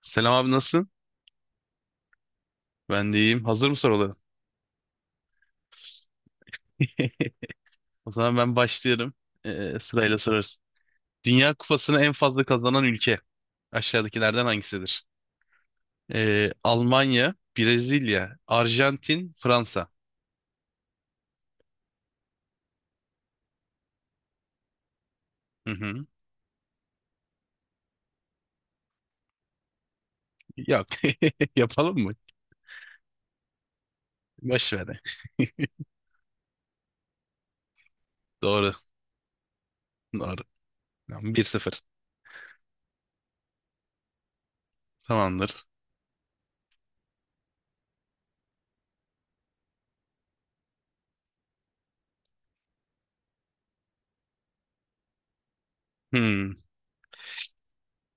Selam abi, nasılsın? Ben de iyiyim. Hazır mı soruların? O zaman ben başlıyorum. Sırayla sorarız. Dünya Kupası'nı en fazla kazanan ülke aşağıdakilerden hangisidir? Almanya, Brezilya, Arjantin, Fransa. Hı hı. Yok. Yapalım mı? Boş ver. Doğru. Doğru. Tamam, 1-0. Tamamdır. Hmm.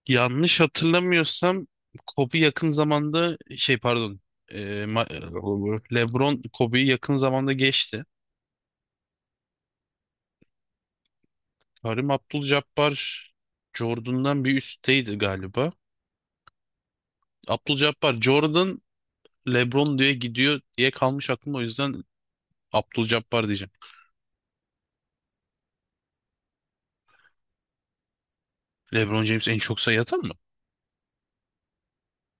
Yanlış hatırlamıyorsam Kobe yakın zamanda pardon. Ee, LeBron Kobe'yi yakın zamanda geçti. Karim Abdul-Jabbar Jordan'dan bir üstteydi galiba. Abdul-Jabbar, Jordan, LeBron diye gidiyor diye kalmış aklımda, o yüzden Abdul-Jabbar diyeceğim. LeBron James en çok sayı atan mı?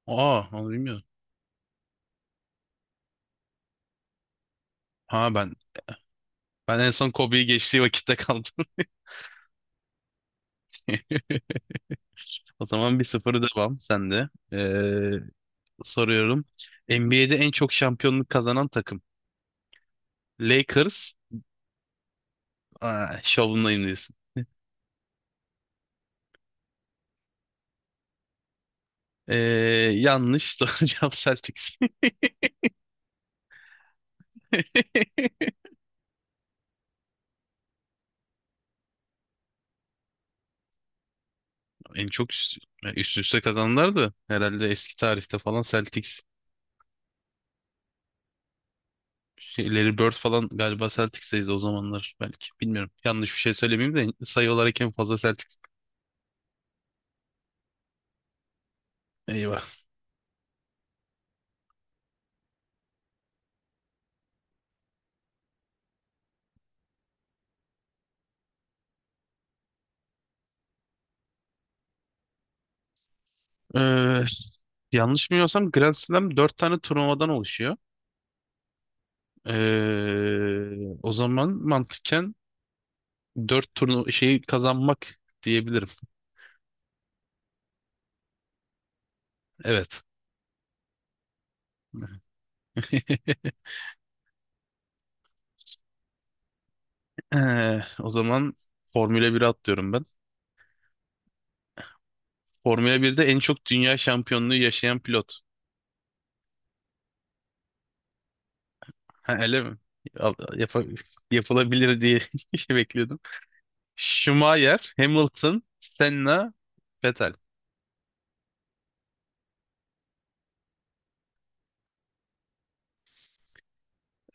Aa, onu bilmiyordum. Ha ben Ben en son Kobe'yi geçtiği vakitte kaldım. O zaman 1-0, devam sende. Soruyorum. NBA'de en çok şampiyonluk kazanan takım. Lakers. Aa, şovundayım diyorsun. Ee, Yanlış. Doğru cevap Celtics. En çok üst, Yani üst üste kazananlar da herhalde eski tarihte falan Celtics. Şey, Larry Bird falan galiba Celtics'teydi o zamanlar belki. Bilmiyorum. Yanlış bir şey söylemeyeyim de sayı olarak en fazla Celtics. Eyvah. Ee, Yanlış bilmiyorsam Grand Slam 4 tane turnuvadan oluşuyor. O zaman mantıken 4 şeyi kazanmak diyebilirim. Evet. O zaman Formula 1'e atlıyorum ben. Formula 1'de en çok dünya şampiyonluğu yaşayan pilot. Ha, öyle mi? Al- yapa- Yapılabilir diye şey bekliyordum. Schumacher, Hamilton, Senna, Vettel.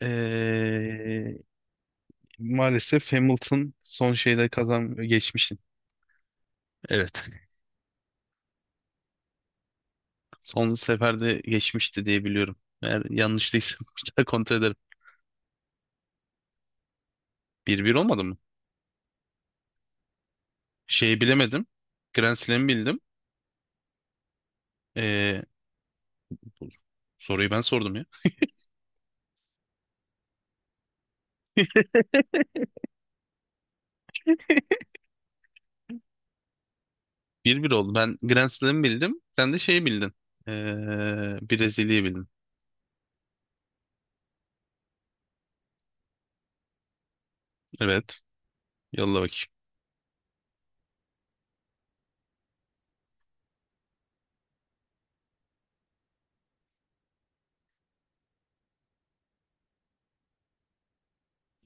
Ee, Maalesef Hamilton son şeyde kazan geçmişti. Evet. Son seferde geçmişti diye biliyorum. Eğer yanlışlıysa bir daha kontrol ederim. 1-1 olmadı mı? Şeyi bilemedim. Grand Slam'ı bildim. Ee, Bu soruyu ben sordum ya. 1-1 oldu. Ben Grand Slam'ı bildim. Sen de şeyi bildin. Ee, Brezilya'yı bildin. Evet. Yolla bakayım.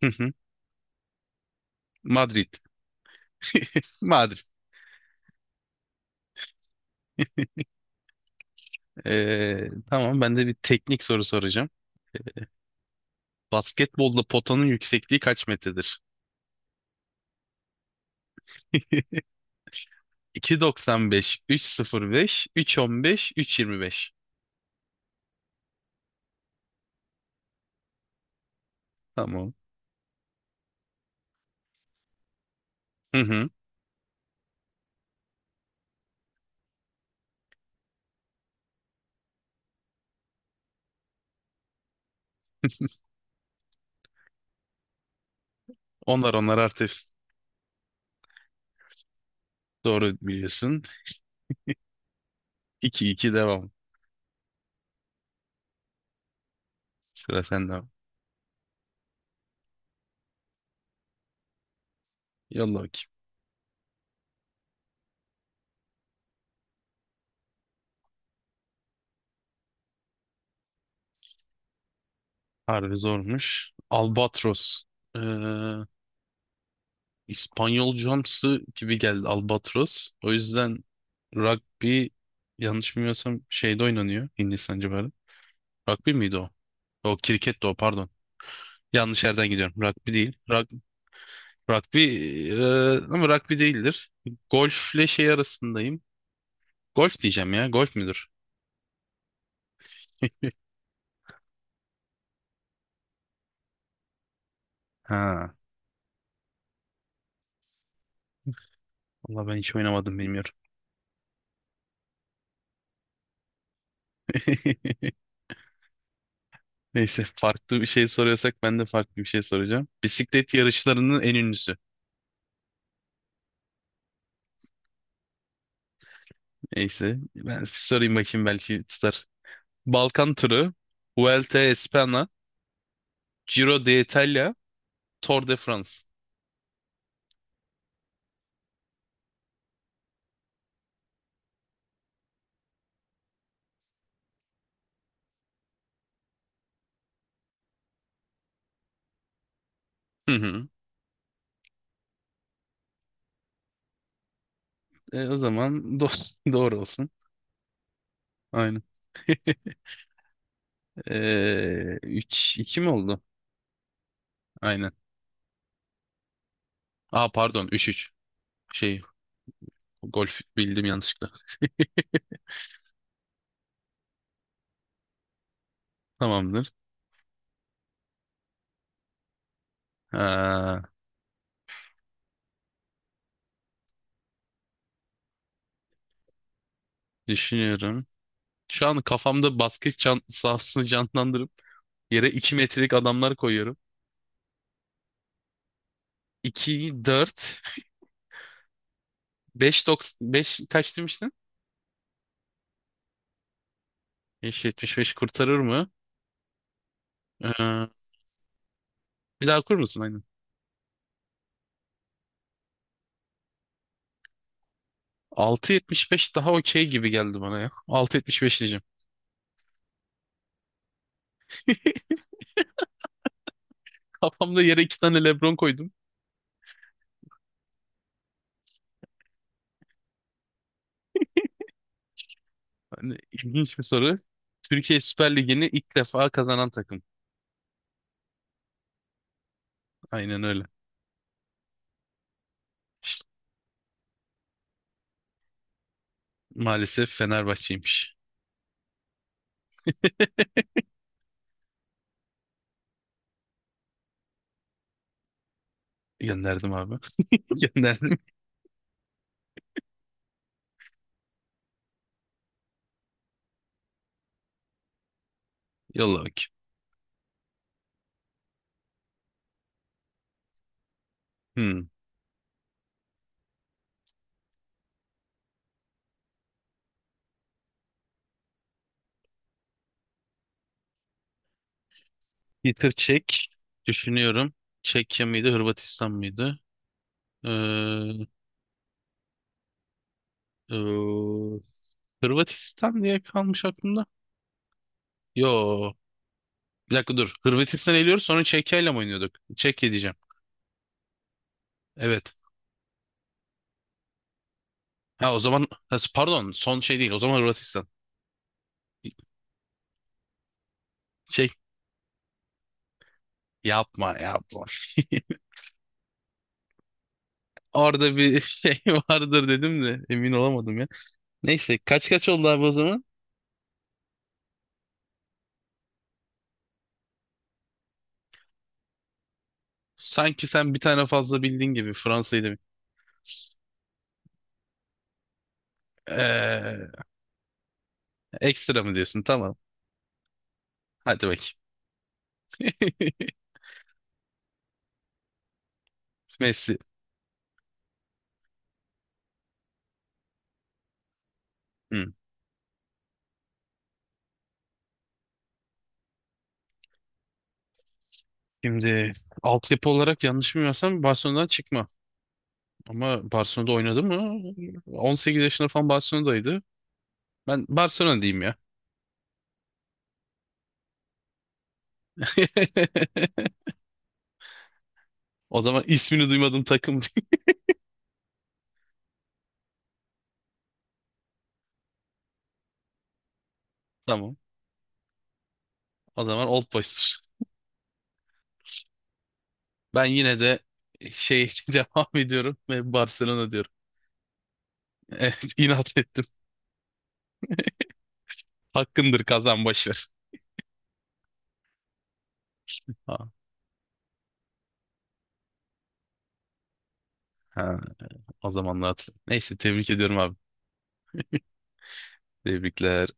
Hı hı. Madrid. Madrid. Tamam, ben de bir teknik soru soracağım. Basketbolda potanın yüksekliği kaç metredir? 2.95, 3.05, 3.15, 3.25. Tamam. Hı hı. Onlar artık doğru biliyorsun. 2-2 devam. Sıra sende abi. Yolla bakayım. Harbi zormuş. Albatros. Ee, İspanyolcamsı gibi geldi Albatros. O yüzden rugby, yanlış bilmiyorsam, şeyde oynanıyor, Hindistan civarı. Rugby miydi o? O kriket de o, pardon. Yanlış yerden gidiyorum. Rugby değil. Rug, rugby ama rugby değildir. Golfle şey arasındayım. Golf diyeceğim ya. Golf müdür? Ha. Valla ben hiç oynamadım, bilmiyorum. Neyse, farklı bir şey soruyorsak ben de farklı bir şey soracağım. Bisiklet yarışlarının en ünlüsü. Neyse, ben sorayım bakayım, belki tutar. Balkan turu, Vuelta a España, Giro d'Italia, Tour de France. Hı hı. O zaman doğru olsun. Aynen. E, 3-2 mi oldu? Aynen. Aa pardon, 3-3. Şey Golf bildim yanlışlıkla. Tamamdır. Ha, düşünüyorum. Şu an kafamda basket can sahasını canlandırıp yere 2 metrelik adamlar koyuyorum. 2, 4, 5, 5 kaç demiştin? 5, 75 kurtarır mı? Ee, Bir daha okur musun? 6.75 daha okey gibi geldi bana ya. 6.75 diyeceğim. Kafamda yere iki tane LeBron koydum. Hani ilginç bir soru. Türkiye Süper Ligi'ni ilk defa kazanan takım. Aynen öyle. Maalesef Fenerbahçe'ymiş. Gönderdim abi. Gönderdim. Yolla bakayım. Hmm. Peter Çek. Düşünüyorum. Çekya mıydı, Hırvatistan mıydı? Ee, ee, Hırvatistan diye kalmış aklımda. Yo. Bir dakika dur. Hırvatistan eliyoruz, sonra Çekya'yla mı oynuyorduk? Çekya diyeceğim. Evet. Ha o zaman, ha pardon, son şey değil, o zaman Hırvatistan. Şey Yapma yapma. Orada bir şey vardır dedim de emin olamadım ya. Neyse kaç kaç oldu abi o zaman? Sanki sen bir tane fazla bildiğin gibi, Fransa'yı da… Ee, Ekstra mı diyorsun? Tamam. Hadi bakayım. Messi. Hı. Şimdi altyapı olarak yanlış bilmiyorsam Barcelona'dan çıkma. Ama Barcelona'da oynadı mı? 18 yaşında falan Barcelona'daydı. Ben Barcelona diyeyim ya. O zaman ismini duymadığım takım değil. Tamam. O zaman Old Boys'tur. Ben yine de şey devam ediyorum ve Barcelona diyorum. Evet, inat ettim. Hakkındır, kazan, boş ver. Ha, ha, o zamanlar hatırlıyorum. Neyse, tebrik ediyorum abi. Tebrikler.